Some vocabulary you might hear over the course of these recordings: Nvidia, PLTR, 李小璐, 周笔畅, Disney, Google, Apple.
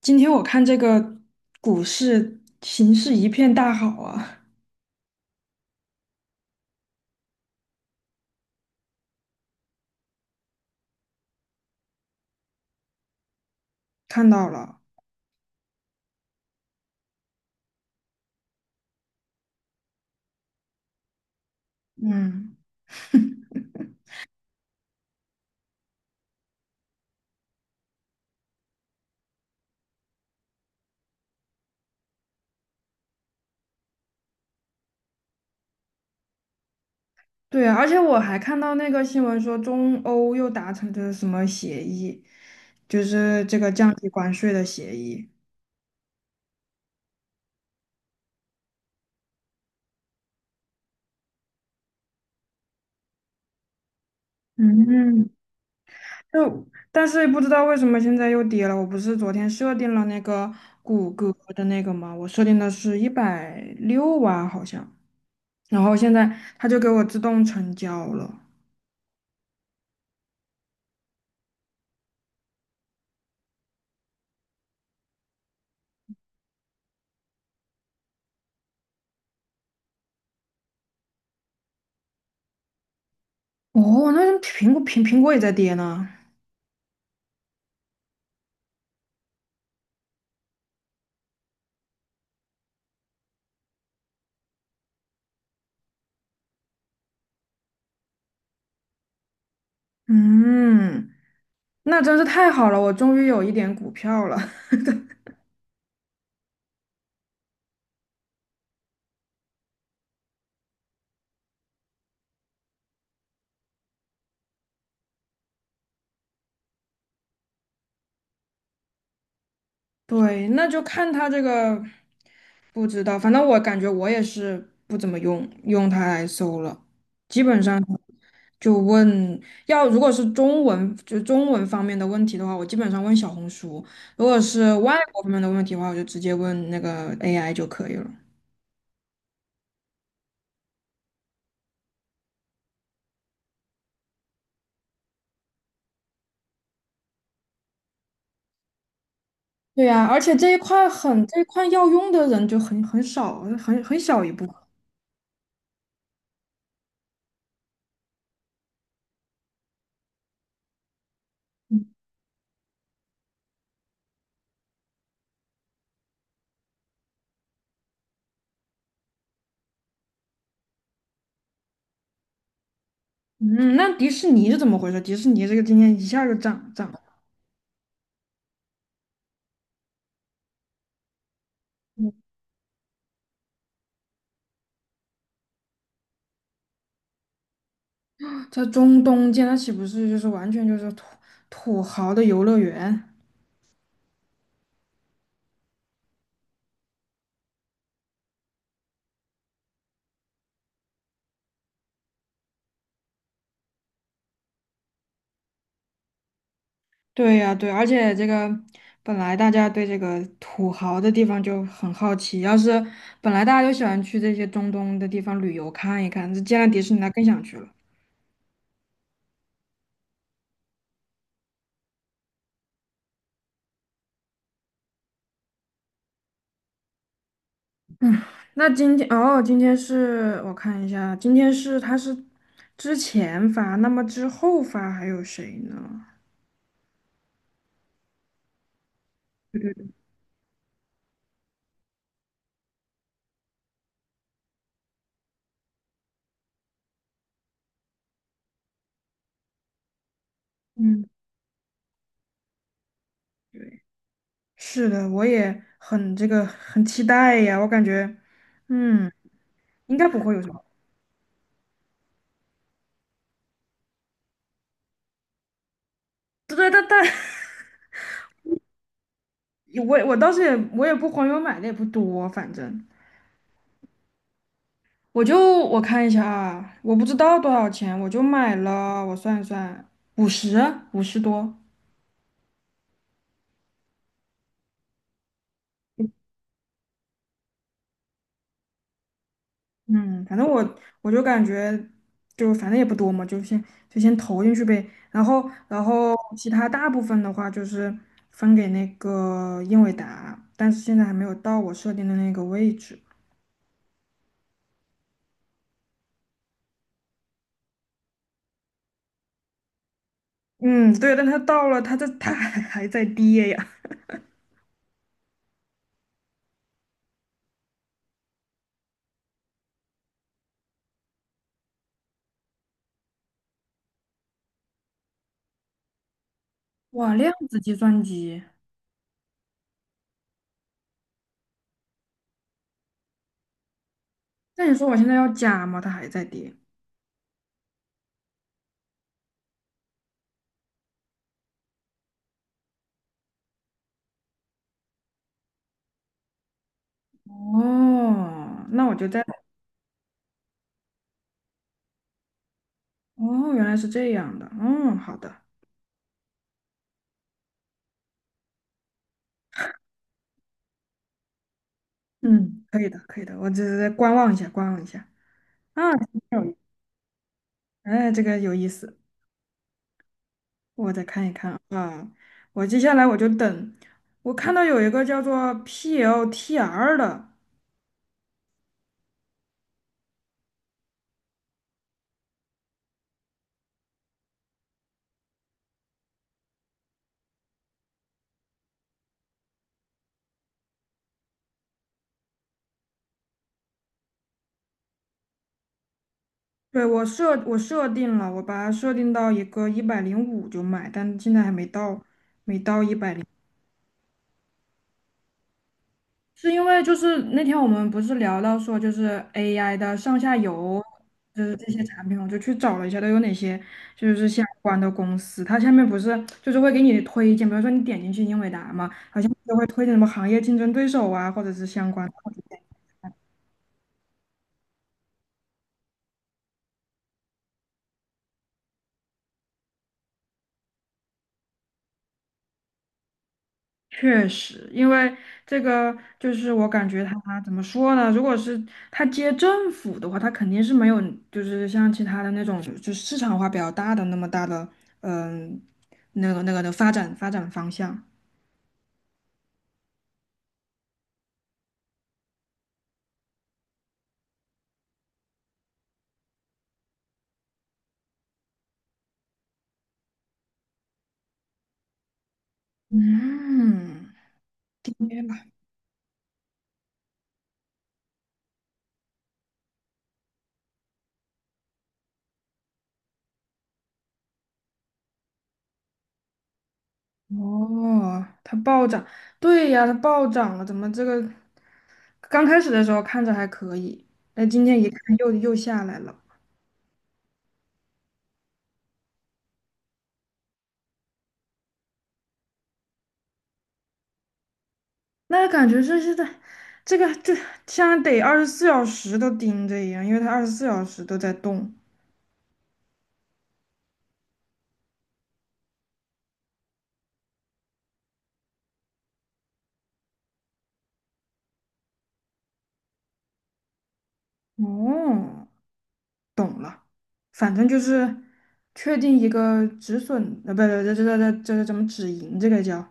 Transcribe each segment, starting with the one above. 今天我看这个股市形势一片大好啊，看到了。嗯，对啊，而且我还看到那个新闻说，中欧又达成的什么协议，就是这个降低关税的协议。嗯，就但是不知道为什么现在又跌了。我不是昨天设定了那个谷歌的那个吗？我设定的是一百六啊，好像，然后现在它就给我自动成交了。哦，那苹果苹果也在跌呢。嗯，那真是太好了，我终于有一点股票了。对，那就看它这个，不知道，反正我感觉我也是不怎么用它来搜了，基本上就问要如果是中文就中文方面的问题的话，我基本上问小红书；如果是外国方面的问题的话，我就直接问那个 AI 就可以了。对呀，而且这一块要用的人就很少，很小一部分。嗯，那迪士尼是怎么回事？迪士尼这个今天一下就涨了，嗯在中东间，那岂不是就是完全就是土豪的游乐园？对呀，对，而且这个本来大家对这个土豪的地方就很好奇，要是本来大家就喜欢去这些中东的地方旅游看一看，这见了迪士尼，那更想去了。那今天哦，今天是我看一下，今天是他是之前发，那么之后发还有谁呢？嗯。对。是的，我也很这个很期待呀，我感觉，嗯，应该不会有什么。对, 我当时我也不黄油买的也不多，反正我看一下啊，我不知道多少钱，我就买了，我算一算，五十五十多。嗯，反正我就感觉，就反正也不多嘛，就先投进去呗。然后其他大部分的话就是分给那个英伟达，但是现在还没有到我设定的那个位置。嗯，对，但它到了，它这它还 还在跌呀。哇，量子计算机，那你说我现在要加吗？它还在跌。哦，那我就在，哦，原来是这样的。嗯，好的，嗯，可以的，可以的，我只是在观望一下，观望一下。啊，挺有意思哎，这个有意思，我再看一看啊。我接下来我就等，我看到有一个叫做 PLTR 的，对，我设定了，我把它设定到一个一百零五就买，但现在还没到，没到一百。是因为就是那天我们不是聊到说就是 AI 的上下游，就是这些产品，我就去找了一下都有哪些就是相关的公司。它下面不是就是会给你推荐，比如说你点进去英伟达嘛，好像就会推荐什么行业竞争对手啊，或者是相关的。确实，因为这个就是我感觉他怎么说呢？如果是他接政府的话，他肯定是没有，就是像其他的那种，就市场化比较大的那么大的，嗯，那个的发展方向。嗯，跌了。哦，它暴涨，对呀，它暴涨了，怎么这个刚开始的时候看着还可以，那今天一看又下来了。那感觉就是在这个就像得二十四小时都盯着一样，因为它二十四小时都在动。哦，懂了，反正就是确定一个止损，呃，不对，这怎么止盈？这个叫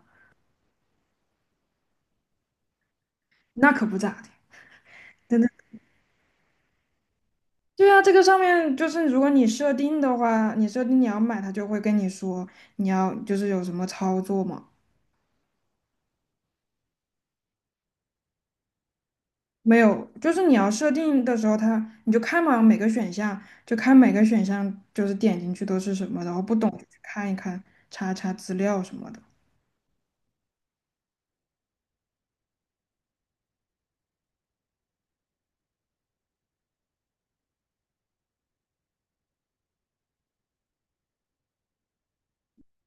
那可不咋的，真的。对啊，这个上面就是如果你设定的话，你设定你要买，它就会跟你说你要就是有什么操作嘛。没有，就是你要设定的时候它，你就看嘛，每个选项就看每个选项，就是点进去都是什么，然后不懂就去看一看，查查资料什么的。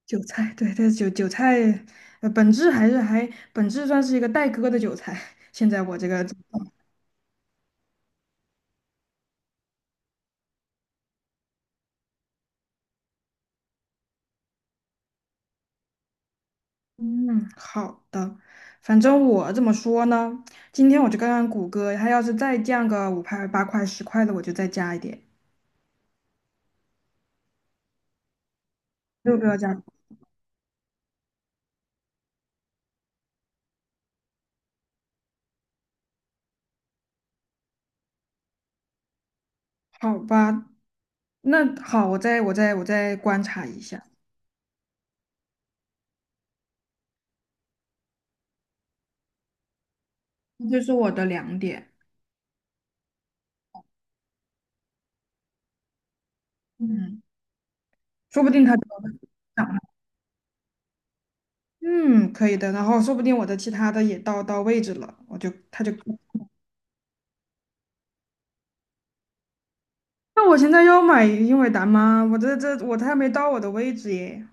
韭菜，对，对，韭菜，呃，本质算是一个待割的韭菜。现在我这个 嗯，好的，反正我怎么说呢？今天我就看看谷歌，它要是再降个五块、八块、十块的，我就再加一点，六个要加，好吧？那好，我再观察一下。这是我的两点，嗯，说不定他就想，嗯，可以的。然后说不定我的其他的也到到位置了，我就他就，那我现在要买英伟达吗？我这这我还没到我的位置耶。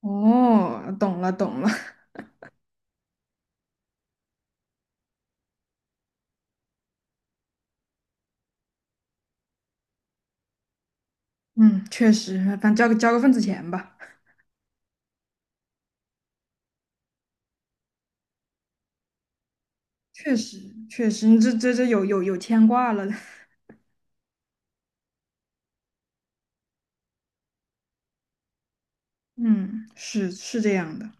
哦，懂了，嗯，确实，反正交个份子钱吧。确实确实，你这有牵挂了。嗯，是是这样的。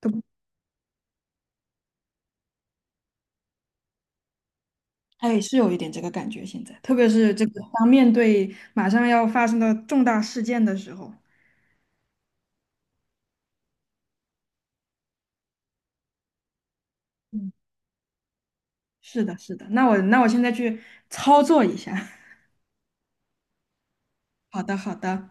都哎，是有一点这个感觉，现在，特别是这个当面对马上要发生的重大事件的时候。嗯。是的，是的，那我那我现在去操作一下。好的，好的。